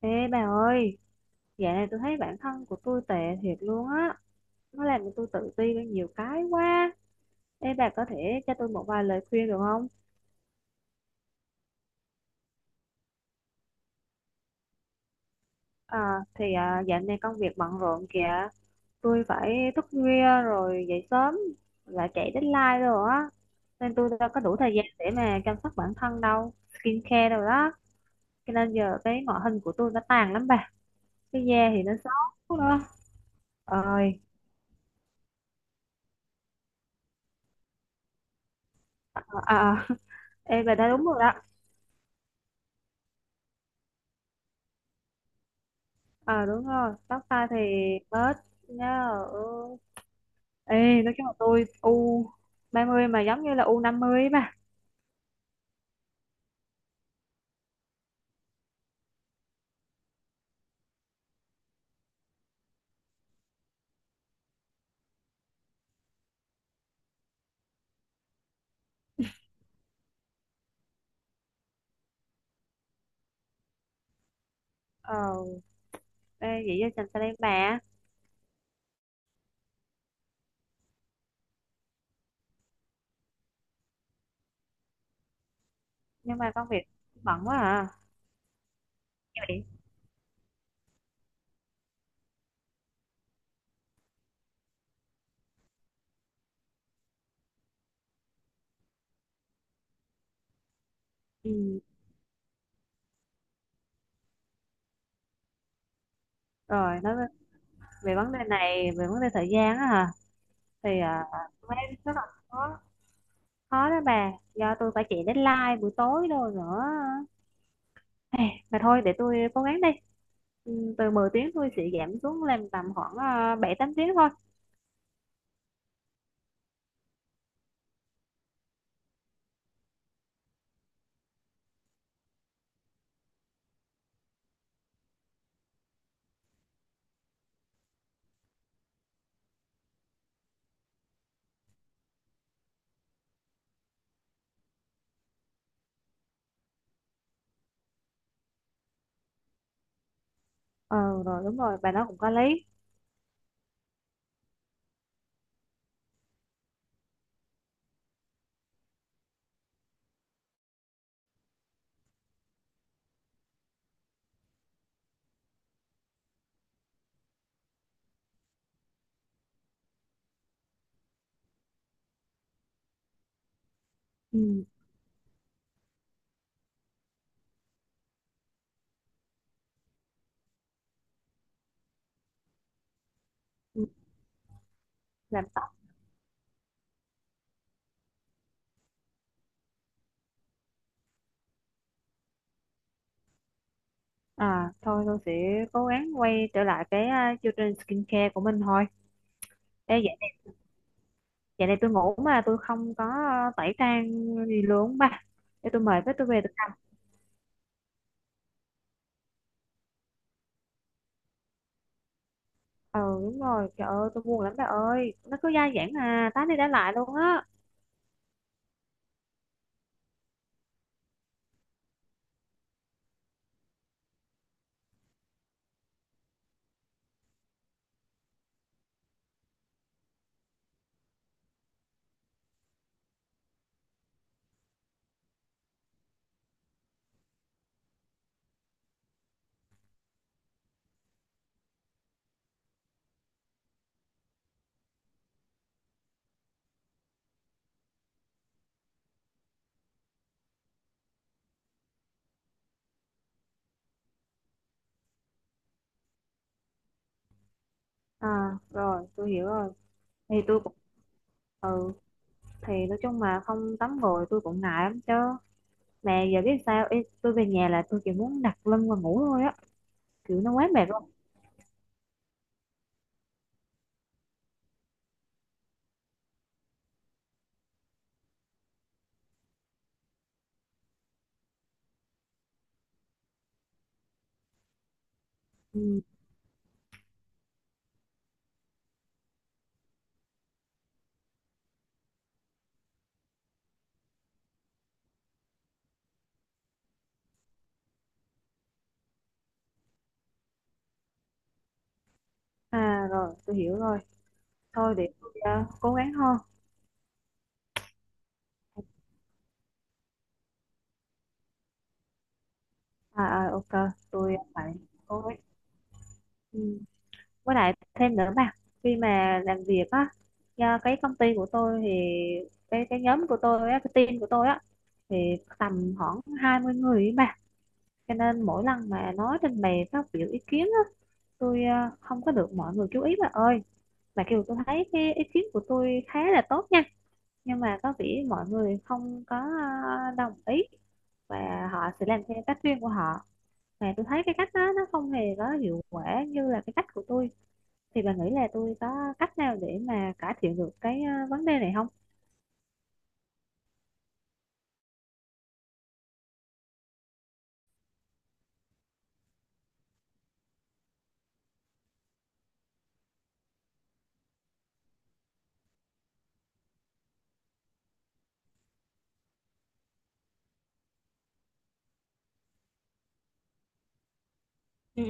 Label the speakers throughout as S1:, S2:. S1: Ê bà ơi, dạo này tôi thấy bản thân của tôi tệ thiệt luôn á. Nó làm cho tôi tự ti với nhiều cái quá. Ê bà có thể cho tôi một vài lời khuyên được không? Dạo này công việc bận rộn kìa. Tôi phải thức khuya rồi dậy sớm và chạy deadline rồi á. Nên tôi đâu có đủ thời gian để mà chăm sóc bản thân đâu. Skincare đâu đó. Cho nên giờ cái ngoại hình của tôi nó tàn lắm bà. Cái da thì nó xấu nữa. Ơi, à, à, à. Ê bà nói đúng rồi đó. Ờ đúng rồi, tóc tai thì bớt nhớ. Ê, nói chung là tôi u 30 mà giống như là U50 ấy bà. Ờ, ê, vậy cho chành xe lên bà. Nhưng mà công việc bận quá à. Vậy. Ừ. Rồi, về vấn đề này, về vấn đề thời gian á hả? Thì à, tôi thấy rất là khó, khó đó bà. Do tôi phải chạy deadline buổi tối rồi nữa. Ê, mà thôi, để tôi cố gắng đi. Ừ, từ 10 tiếng tôi sẽ giảm xuống làm tầm khoảng 7 8 tiếng thôi. Ờ rồi đúng rồi và nó cũng có lấy. Ừ, ừ, làm tóc. Thôi tôi sẽ cố gắng quay trở lại cái chương trình skincare của mình thôi. Ê, vậy vậy này tôi ngủ mà tôi không có tẩy trang gì luôn ba để tôi mời với tôi về được không? Ờ đúng rồi trời ơi tôi buồn lắm ba ơi nó cứ dai dẳng tá đi tá lại luôn á. À rồi tôi hiểu rồi thì tôi cũng ừ. Thì nói chung mà không tắm gội tôi cũng ngại lắm chứ mà giờ biết sao. Ê, tôi về nhà là tôi chỉ muốn đặt lưng và ngủ thôi á, kiểu nó quá mệt luôn. Ừ. À rồi, tôi hiểu rồi. Thôi để tôi cố gắng hơn. À, à ok, tôi phải cố gắng. Ừ. Với lại thêm nữa mà khi mà làm việc á, do cái công ty của tôi thì cái nhóm của tôi á, cái team của tôi á thì tầm khoảng 20 người ấy mà. Cho nên mỗi lần mà nói trình bày phát biểu ý kiến á, tôi không có được mọi người chú ý bà ơi. Mà kiểu tôi thấy cái ý kiến của tôi khá là tốt nha nhưng mà có vẻ mọi người không có ờ, đồng ý và họ sẽ làm theo cách riêng của họ mà tôi thấy cái cách đó nó không hề có hiệu quả như là cái cách của tôi thì bà nghĩ là tôi có cách nào để mà cải thiện được cái vấn đề này không? Ừ,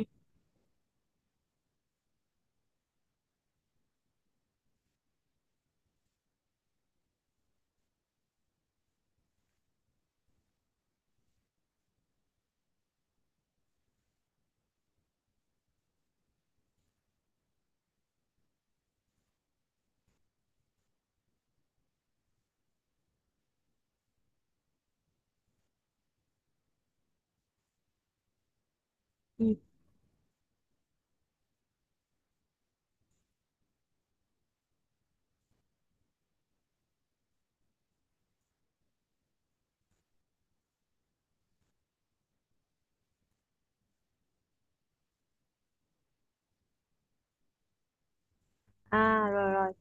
S1: ừ. À rồi rồi.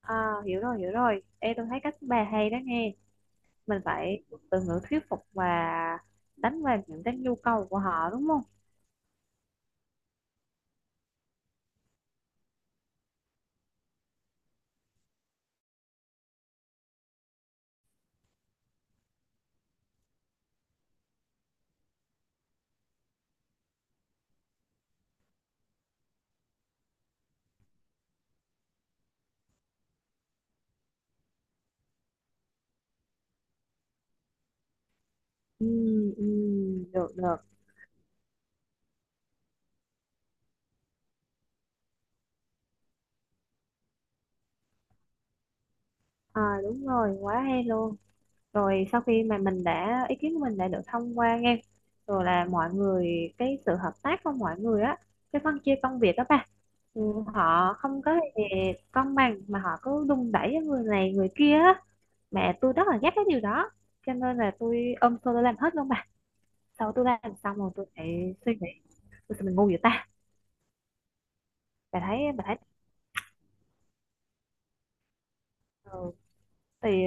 S1: À, hiểu rồi hiểu rồi. Ê, tôi thấy cách bà hay đó nghe, mình phải dùng từ ngữ thuyết phục và đánh vào những cái nhu cầu của họ đúng không? Ừ, ừ, được được. À, đúng rồi quá hay luôn. Rồi sau khi mà mình đã ý kiến của mình đã được thông qua nghe rồi là mọi người cái sự hợp tác của mọi người á, cái phân chia công việc đó ba. Ừ, họ không có gì công bằng mà họ cứ đùn đẩy với người này người kia á mà tôi rất là ghét cái điều đó cho nên là tôi ôm xô tôi làm hết luôn bà. Sau tôi làm xong rồi tôi lại suy nghĩ tôi sao mình ngu vậy ta. Bà thấy bà thấy. Ừ, thì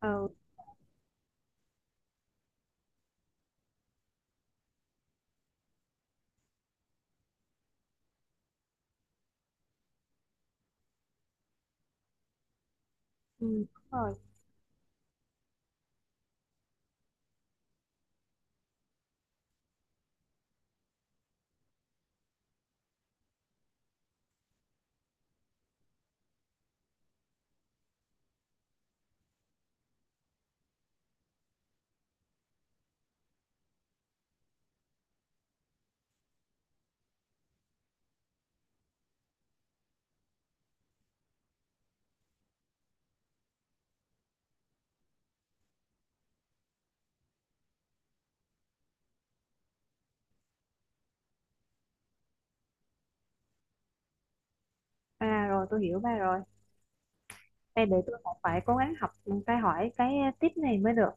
S1: ừ, ừ, đúng rồi. À rồi tôi hiểu ba rồi đây. Để tôi còn phải cố gắng học cái hỏi cái tiếp này mới được.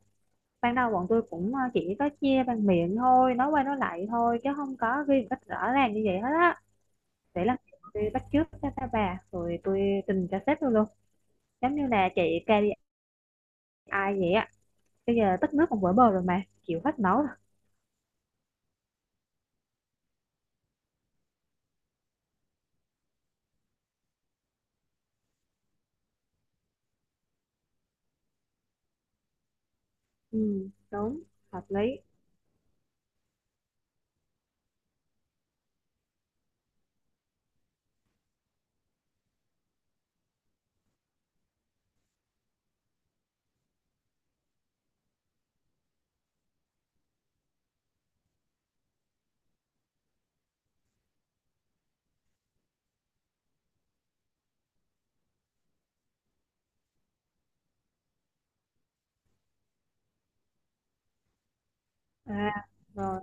S1: Ban đầu bọn tôi cũng chỉ có chia bằng miệng thôi nói qua nói lại thôi chứ không có ghi một cách rõ ràng như vậy hết á. Để là tôi bắt chước cho các bà rồi tôi trình cho sếp tôi luôn giống như là chị KPI vậy á. Bây giờ tất nước còn vỡ bờ rồi mà chịu hết nổi rồi. Ừ đúng, hợp lý. À rồi.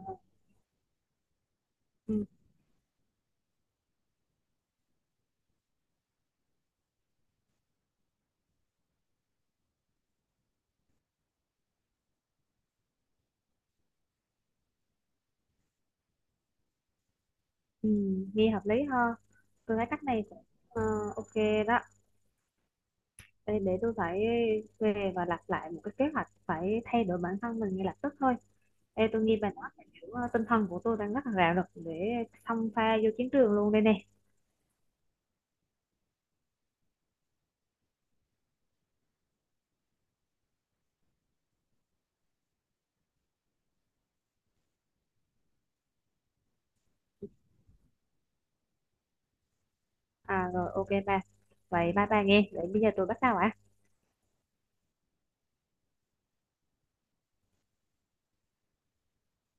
S1: Ừ, ừ, nghe hợp lý ha. Tôi thấy cách này cũng, ờ, ok đó. Để tôi phải về và lập lại một cái kế hoạch phải thay đổi bản thân mình ngay lập tức thôi. Ê, tôi nghe bà nói là kiểu tinh thần của tôi đang rất là rạo lực để xông pha vô chiến trường luôn đây nè. À rồi ok bà. Vậy bye bye nghe. Vậy bây giờ tôi bắt đầu ạ.